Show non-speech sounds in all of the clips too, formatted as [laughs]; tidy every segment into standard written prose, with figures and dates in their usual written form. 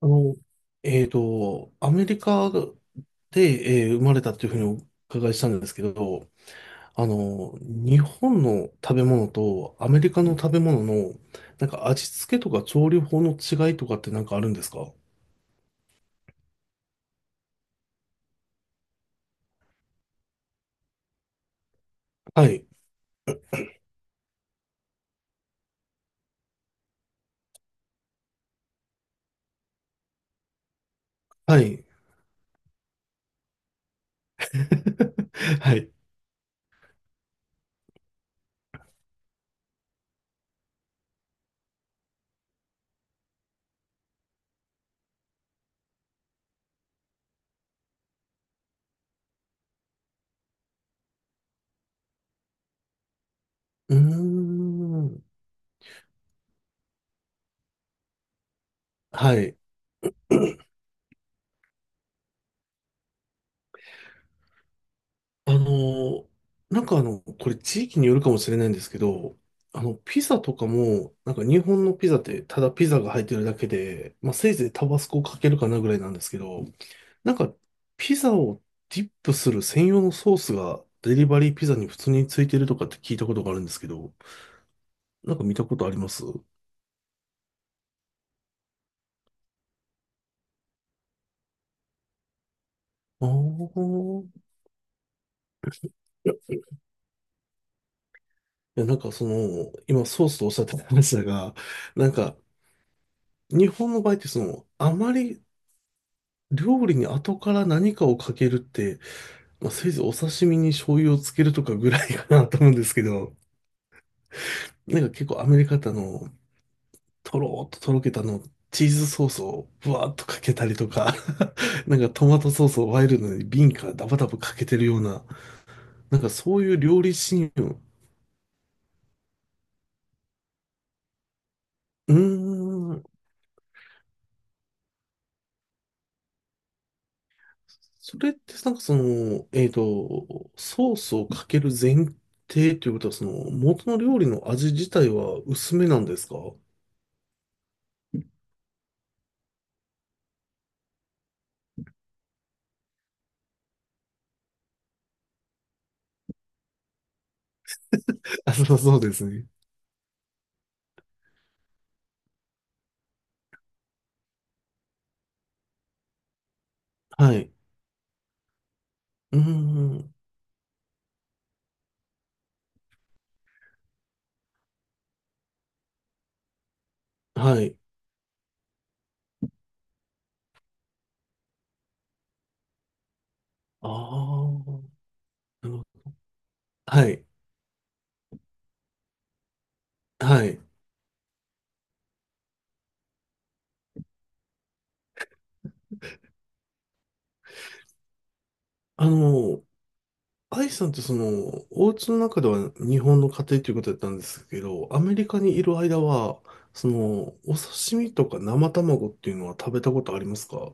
あの、アメリカで、生まれたというふうにお伺いしたんですけど、日本の食べ物とアメリカの食べ物の、なんか味付けとか調理法の違いとかってなんかあるんですか？はい。はい。[laughs] はい。うーん。はい。あの、なんかこれ地域によるかもしれないんですけど、ピザとかも、なんか日本のピザってただピザが入ってるだけで、まあせいぜいタバスコをかけるかなぐらいなんですけど、なんかピザをディップする専用のソースがデリバリーピザに普通についてるとかって聞いたことがあるんですけど、なんか見たことあります？ああー、いや、いや、なんかその、今ソースとおっしゃってた話だが、なんか、日本の場合ってその、あまり料理に後から何かをかけるって、まあ、せいぜいお刺身に醤油をつけるとかぐらいかなと思うんですけど、[laughs] なんか結構アメリカってとろーっととろけたチーズソースをぶわーっとかけたりとか、[laughs] なんかトマトソースをワイルドに瓶からダバダバかけてるような、なんかそういう料理シーンを、うーん、それってなんかその、ソースをかける前提ということは、その元の料理の味自体は薄めなんですか？あ、そうそうですね。はい。うーん。はい。ああ。なるほど。はい。はい。あの、アイさんってその、お家の中では日本の家庭ということだったんですけど、アメリカにいる間は、その、お刺身とか生卵っていうのは食べたことありますか？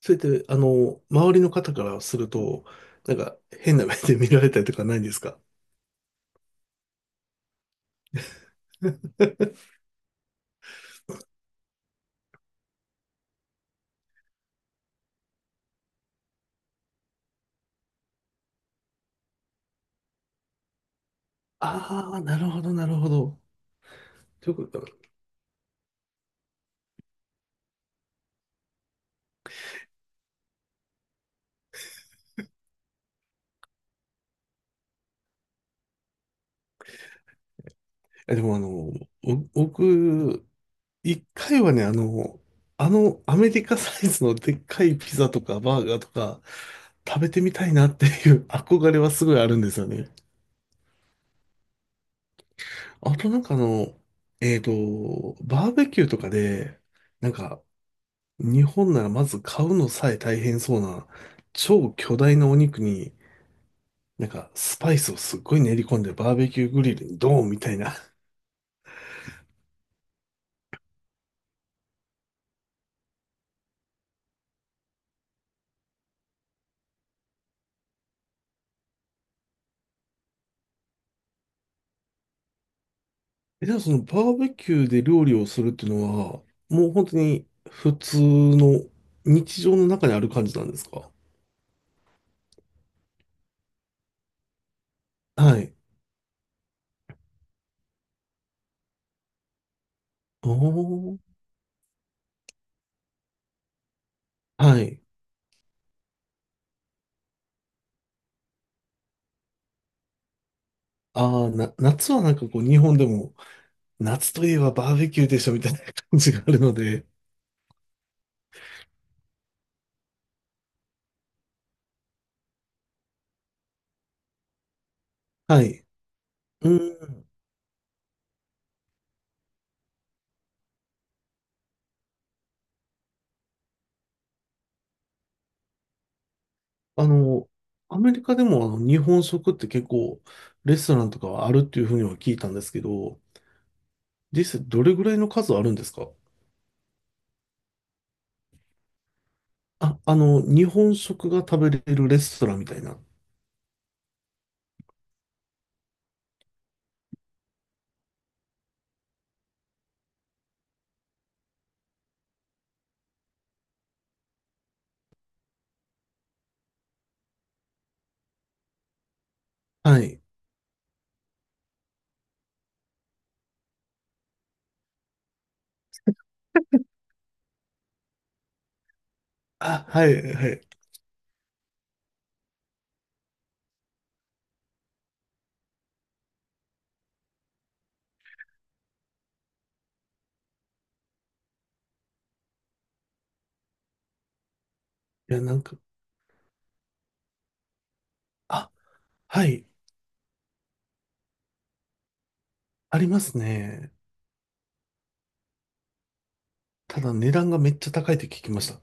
それって、周りの方からすると、なんか変な目で見られたりとかないんですか？ [laughs] ああ、なるほど、なるほど。ということか。え、でも僕、一回はね、あのアメリカサイズのでっかいピザとかバーガーとか食べてみたいなっていう [laughs] 憧れはすごいあるんですよね。あとなんかバーベキューとかで、なんか日本ならまず買うのさえ大変そうな超巨大なお肉になんかスパイスをすっごい練り込んでバーベキューグリルにドーンみたいな。え、じゃあそのバーベキューで料理をするっていうのは、もう本当に普通の日常の中にある感じなんですか？はい。おー。はい。ああ、夏はなんかこう日本でも、夏といえばバーベキューでしょみたいな感じがあるので、はい。うん。あの、アメリカでもあの日本食って結構レストランとかはあるっていうふうには聞いたんですけど、実際どれぐらいの数あるんですか？あ、日本食が食べれるレストランみたいな。はい。あ、はい、はい。いや、なんか、あ、はい、ありますね。ただ値段がめっちゃ高いって聞きました。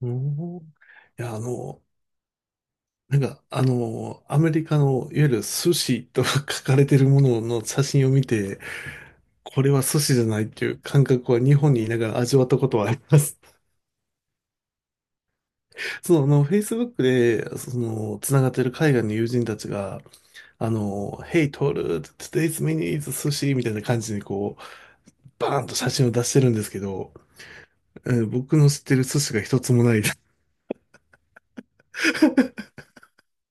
うん。いや、なんか、アメリカの、いわゆる寿司と [laughs] 書かれてるものの写真を見て、これは寿司じゃないっていう感覚は日本にいながら味わったことはあります。[laughs] その、Facebook で、その、つながってる海外の友人たちが、Hey, Toru, today's menu is sushi みたいな感じにこう、バーンと写真を出してるんですけど、うん、僕の知ってる寿司が一つもないです。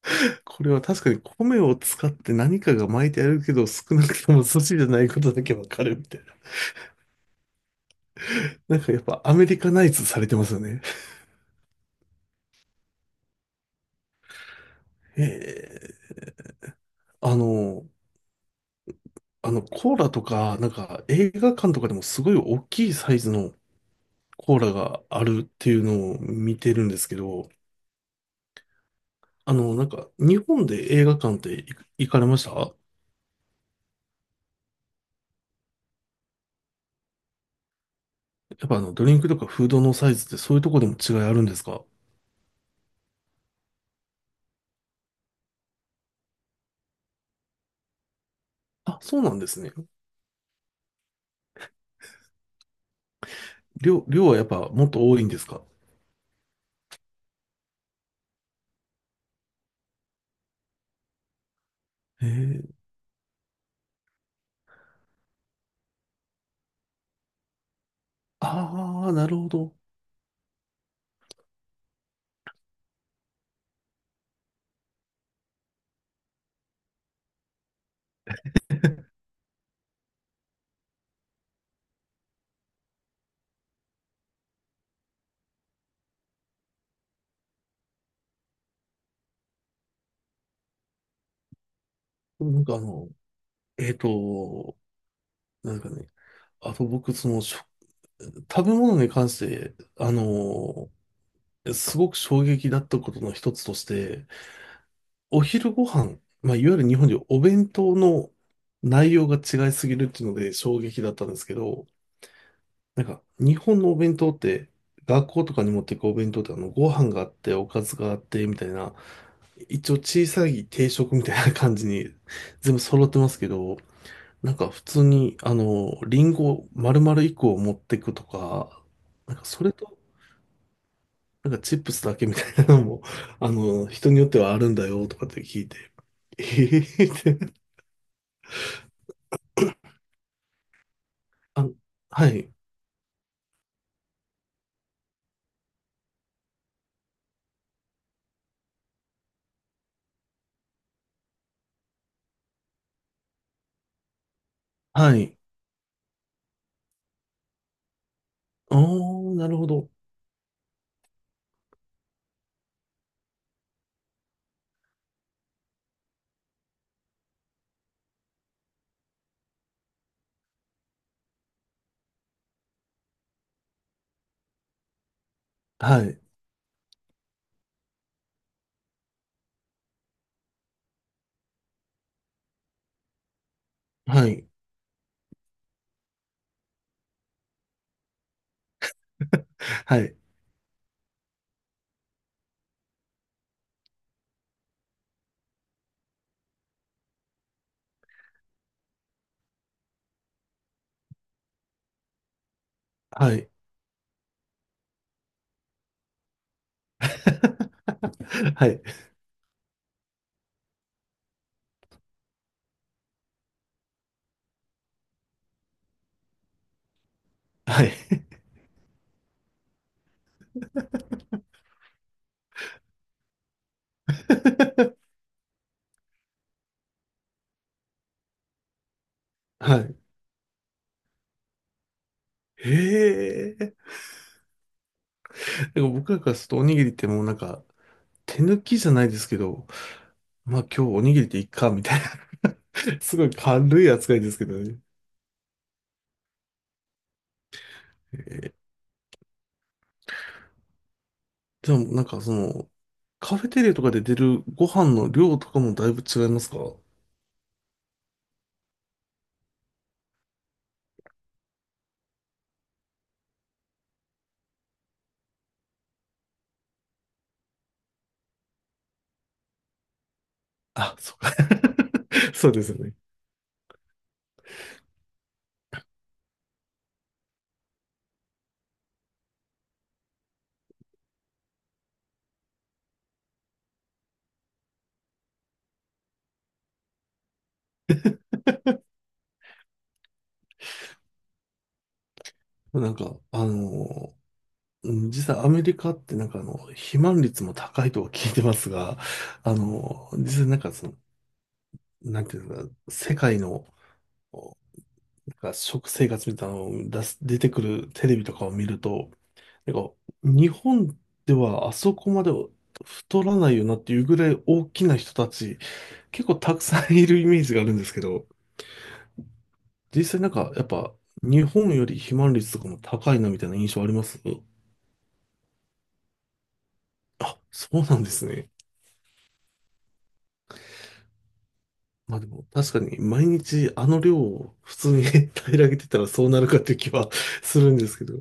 [laughs] これは確かに米を使って何かが巻いてあるけど、少なくとも寿司じゃないことだけわかるみたいな。[laughs] なんかやっぱアメリカナイズされてますよね。[laughs] ええ、あの、あのコーラとか、なんか映画館とかでもすごい大きいサイズのコーラがあるっていうのを見てるんですけど、なんか日本で映画館って行かれました？やっぱあのドリンクとかフードのサイズってそういうとこでも違いあるんですか？あ、そうなんですね。量はやっぱもっと多いんですか？ええ、ああー、なるほど。なんかえっと、なんかね、あと僕、その、食べ物に関して、すごく衝撃だったことの一つとして、お昼ご飯、まあ、いわゆる日本でいうお弁当の内容が違いすぎるっていうので衝撃だったんですけど、なんか、日本のお弁当って、学校とかに持っていくお弁当ってご飯があって、おかずがあって、みたいな、一応小さい定食みたいな感じに全部揃ってますけど、なんか普通に、リンゴ丸々1個を持ってくとか、なんかそれと、なんかチップスだけみたいなのも、[laughs] 人によってはあるんだよとかって聞いて、ええって、あ、はい、はい、おー、なるほど、はい、はい、はい、はい、はい、はい。はい。へえ。なんか僕らからするとおにぎりってもうなんか、手抜きじゃないですけど、まあ今日おにぎりでいっか、みたいな [laughs] すごい軽い扱いですけどね。え、でもなんかその、カフェテレとかで出るご飯の量とかもだいぶ違いますか？あ、そうか [laughs] そうですよね。なんか、うん、実際アメリカってなんか肥満率も高いとは聞いてますが、実際なんかその、なんていうのか、世界の、なんか食生活みたいなのを出てくるテレビとかを見ると、てか、日本ではあそこまで太らないよなっていうぐらい大きな人たち、結構たくさんいるイメージがあるんですけど、実際なんかやっぱ日本より肥満率とかも高いなみたいな印象あります？あ、そうなんですね。まあでも確かに毎日あの量を普通に [laughs] 平らげてたらそうなるかっていう気はするんですけど。